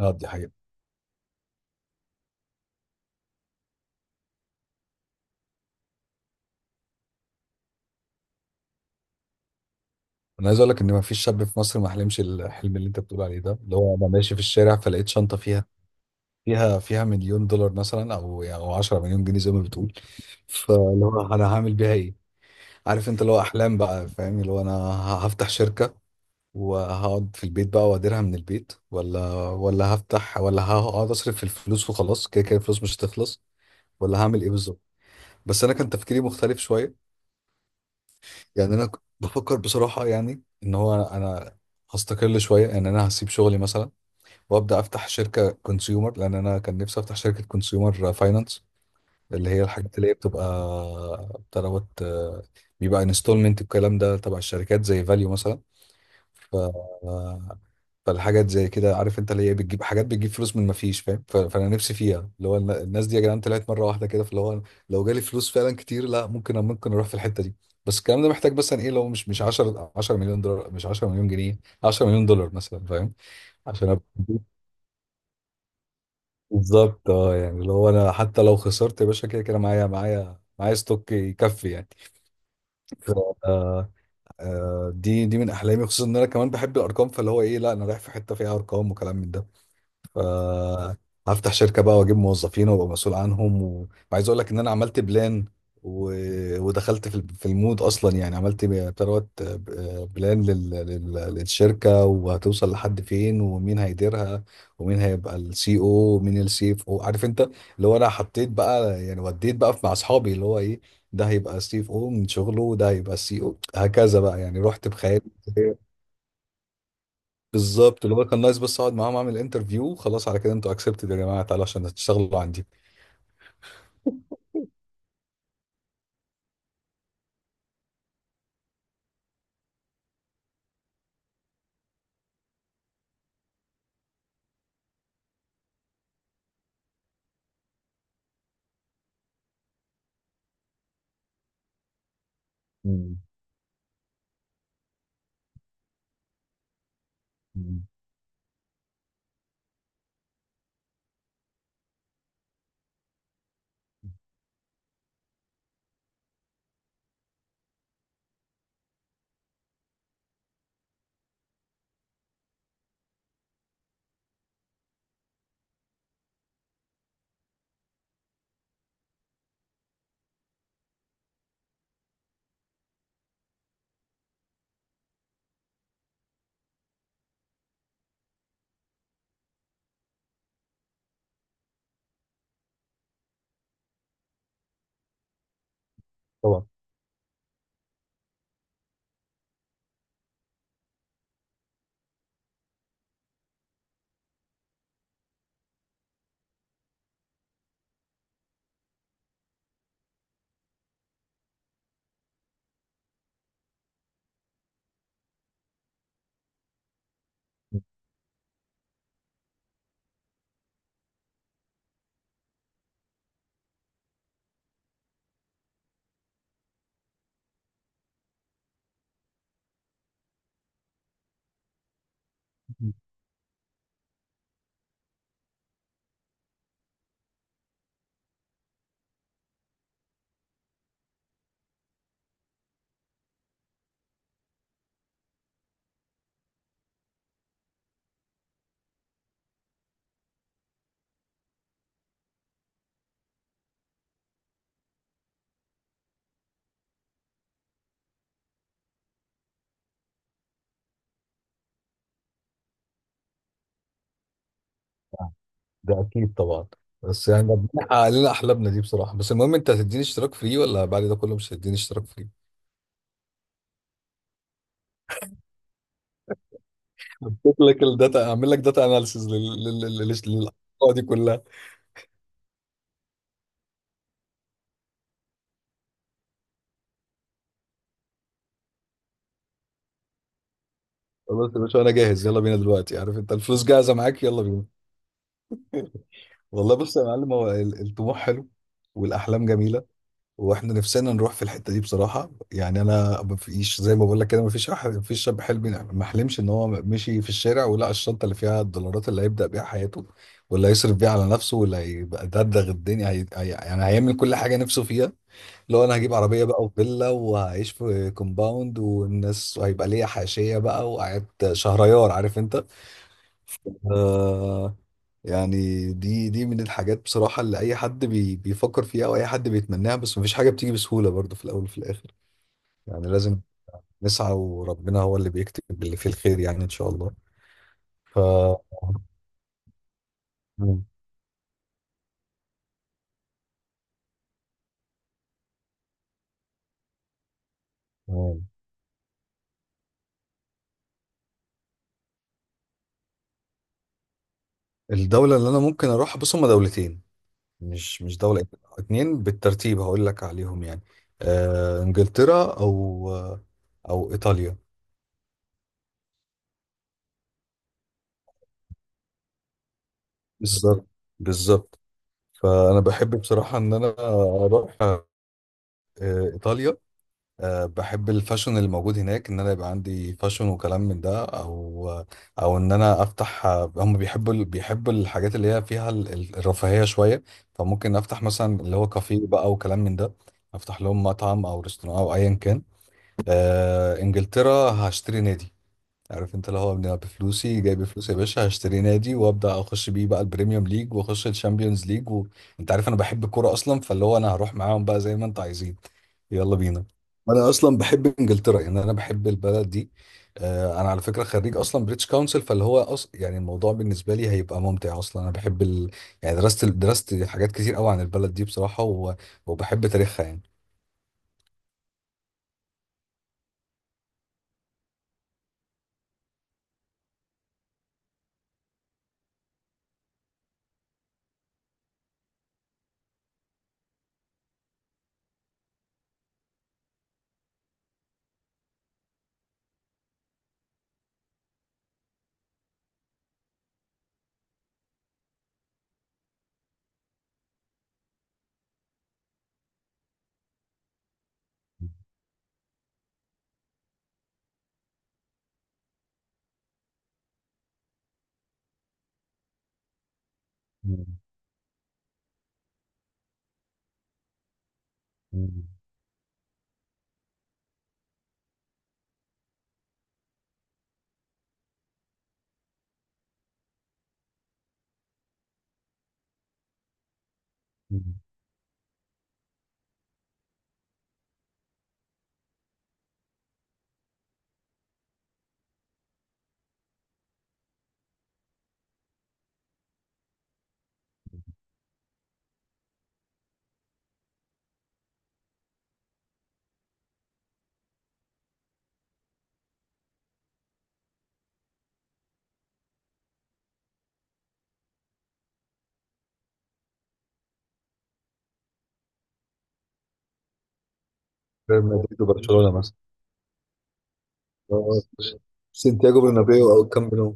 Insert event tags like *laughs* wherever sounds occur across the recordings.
اه، دي حقيقة. انا عايز اقول لك ان ما فيش شاب في مصر ما حلمش الحلم اللي انت بتقول عليه ده، اللي هو انا ماشي في الشارع فلقيت شنطة فيها مليون دولار مثلا، او يعني او 10 مليون جنيه زي ما بتقول. فاللي هو انا هعمل بيها ايه؟ عارف انت، اللي هو احلام بقى، فاهم، اللي هو انا هفتح شركة، وهقعد في البيت بقى واديرها من البيت، ولا هفتح، ولا هقعد اصرف في الفلوس وخلاص، كده كده الفلوس مش هتخلص، ولا هعمل ايه بالظبط. بس انا كان تفكيري مختلف شوية. يعني انا بفكر بصراحه، يعني ان هو انا هستقل شويه، يعني انا هسيب شغلي مثلا وابدا افتح شركه كونسيومر، لان انا كان نفسي افتح شركه كونسيومر فاينانس، اللي هي الحاجات اللي هي بتبقى بتاع دوت، بيبقى انستولمنت، الكلام ده تبع الشركات زي فاليو مثلا. ف... فالحاجات زي كده عارف انت، اللي هي بتجيب حاجات، بتجيب فلوس من ما فيش، فاهم. فانا نفسي فيها، اللي هو الناس دي يا جدعان طلعت مره واحده كده، فاللي هو لو جالي فلوس فعلا كتير، لا ممكن، اروح في الحته دي. بس الكلام ده محتاج مثلا ايه؟ لو مش 10 مليون دولار، مش 10 مليون جنيه، 10 مليون دولار مثلا، فاهم، عشان ابقى *laughs* بالظبط. اه يعني اللي هو انا حتى لو خسرت يا باشا، كده كده معايا، معايا ستوك يكفي يعني. ف- آه، دي من احلامي، خصوصا ان انا كمان بحب الارقام. فاللي هو ايه؟ لا انا رايح في حته فيها ارقام وكلام من ده، فهفتح شركة بقى واجيب موظفين وابقى مسؤول عنهم، وعايز اقول لك ان انا عملت بلان و... ودخلت في المود اصلا، يعني عملت بتروت بلان للشركة، وهتوصل لحد فين، ومين هيديرها، ومين هيبقى السي او، ومين السي اف او، عارف انت. اللي هو انا حطيت بقى يعني، وديت بقى مع اصحابي اللي هو ايه، ده هيبقى سي اف او من شغله، وده هيبقى سي او، هكذا بقى يعني، رحت بخيالي. بالظبط، اللي هو كان نايس، بس اقعد معاهم اعمل انترفيو خلاص، على كده انتوا اكسبتد يا جماعه، تعالوا عشان تشتغلوا عندي. مم. مم. طبعا. *laughs* ده اكيد طبعا. بس يعني ربنا حقق لنا احلامنا دي بصراحه، بس المهم انت هتديني اشتراك فري ولا بعد ده كله مش هتديني اشتراك فري؟ هديك لك الداتا، اعمل لك داتا اناليسيز للحلقه دي كلها. خلاص يا باشا، انا جاهز، يلا بينا دلوقتي، عارف انت، الفلوس جاهزه معاك، يلا بينا. والله بص يا معلم، هو الطموح حلو، والاحلام جميله، واحنا نفسنا نروح في الحته دي بصراحه. يعني انا مفيش زي ما بقول لك كده، مفيش مفيش شاب حلم، ما حلمش ان هو مشي في الشارع ولقى الشنطه اللي فيها الدولارات اللي هيبدا بيها حياته، واللي هيصرف بيها على نفسه، واللي هيبقى دغدغ الدنيا يعني هيعمل كل حاجه نفسه فيها. لو انا هجيب عربيه بقى، وفيلا، وهعيش في كومباوند والناس، وهيبقى ليا حاشيه بقى، وقعدت شهريار، عارف انت. آه، يعني دي من الحاجات بصراحة، اللي أي حد بيفكر فيها، أو أي حد بيتمناها. بس مفيش حاجة بتيجي بسهولة برضو في الأول وفي الآخر. يعني لازم نسعى، وربنا هو اللي بيكتب اللي فيه الخير، يعني إن شاء الله. ف مم. مم. الدولة اللي أنا ممكن أروحها، بص، هما دولتين، مش دولة اتنين، بالترتيب هقول لك عليهم يعني. آه، إنجلترا، أو أو إيطاليا. بالظبط. بالظبط. فأنا بحب بصراحة إن أنا أروح إيطاليا. أه بحب الفاشن اللي موجود هناك، ان انا يبقى عندي فاشن وكلام من ده، او او ان انا افتح. هم بيحبوا بيحبوا الحاجات اللي هي فيها الرفاهية شوية، فممكن افتح مثلا اللي هو كافيه بقى وكلام من ده، افتح لهم مطعم او رestaurant او ايا كان. أه انجلترا هشتري نادي، عارف انت، اللي هو انا بفلوسي جايب فلوس يا باشا، هشتري نادي وابدا اخش بيه بقى البريميوم ليج، واخش الشامبيونز ليج، وانت عارف انا بحب الكوره اصلا، فاللي هو انا هروح معاهم بقى زي ما انتوا عايزين، يلا بينا. انا اصلا بحب انجلترا، يعني انا بحب البلد دي. آه، انا على فكره خريج اصلا بريتش كونسل، فاللي هو يعني الموضوع بالنسبه لي هيبقى ممتع اصلا، انا بحب يعني درست حاجات كتير قوي عن البلد دي بصراحه، وبحب تاريخها يعني. *laughs* مم. مم. مم. ريال مدريد وبرشلونه. آه، سانتياغو برنابيو او الكامب نو.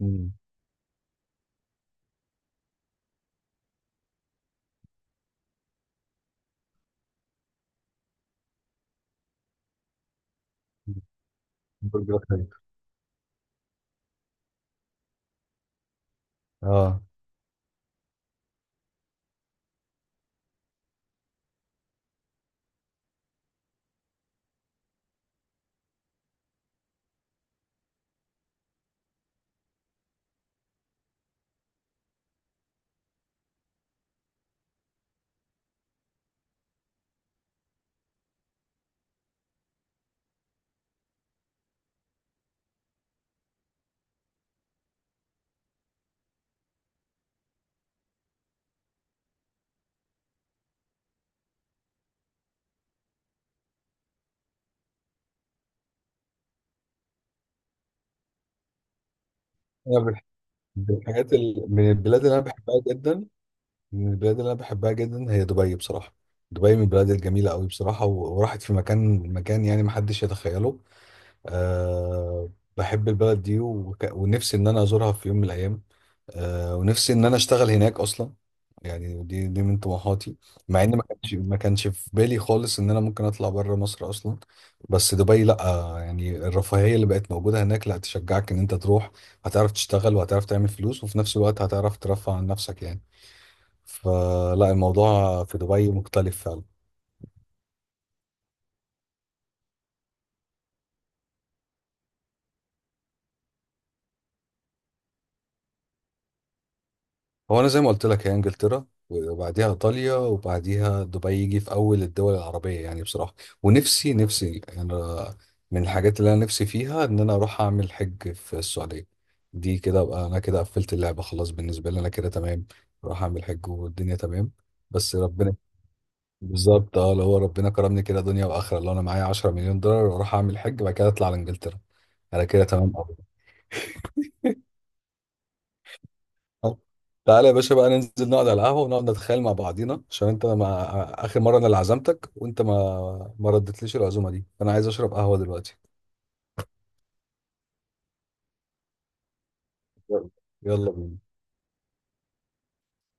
مم. برجر خليفة. اه، انا بح- من الحاجات من البلاد اللي انا بحبها جدا، من البلاد اللي انا بحبها جدا هي دبي بصراحه. دبي من البلاد الجميله قوي بصراحه، وراحت في مكان مكان، يعني ما حدش يتخيله. أه... بحب البلد دي، ونفسي ان انا ازورها في يوم من الايام. آه، ونفسي ان انا اشتغل هناك اصلا، يعني دي من طموحاتي. مع ان ما كانش في بالي خالص ان انا ممكن اطلع بره مصر اصلا، بس دبي لا. يعني الرفاهية اللي بقت موجودة هناك لا تشجعك ان انت تروح، هتعرف تشتغل وهتعرف تعمل فلوس وفي نفس الوقت هتعرف ترفع عن نفسك يعني، فلا الموضوع في دبي مختلف فعلا. هو انا زي ما قلت لك، هي انجلترا وبعديها ايطاليا، وبعديها دبي يجي في اول الدول العربيه يعني بصراحه. ونفسي يعني، من الحاجات اللي انا نفسي فيها ان انا اروح اعمل حج في السعوديه. دي كده ابقى انا كده قفلت اللعبه خلاص، بالنسبه لي انا كده تمام، اروح اعمل حج والدنيا تمام. بس ربنا، بالظبط، اه لو هو ربنا كرمني كده دنيا واخره، لو انا معايا 10 مليون دولار واروح اعمل حج، بعد كده اطلع على انجلترا، انا كده تمام. تعالى يا باشا بقى ننزل نقعد على القهوة، ونقعد نتخيل مع بعضينا، عشان انت ما آخر مرة انا اللي عزمتك وانت ما ردتليش العزومة دي، فانا عايز اشرب قهوة دلوقتي. يلا، يلا بينا.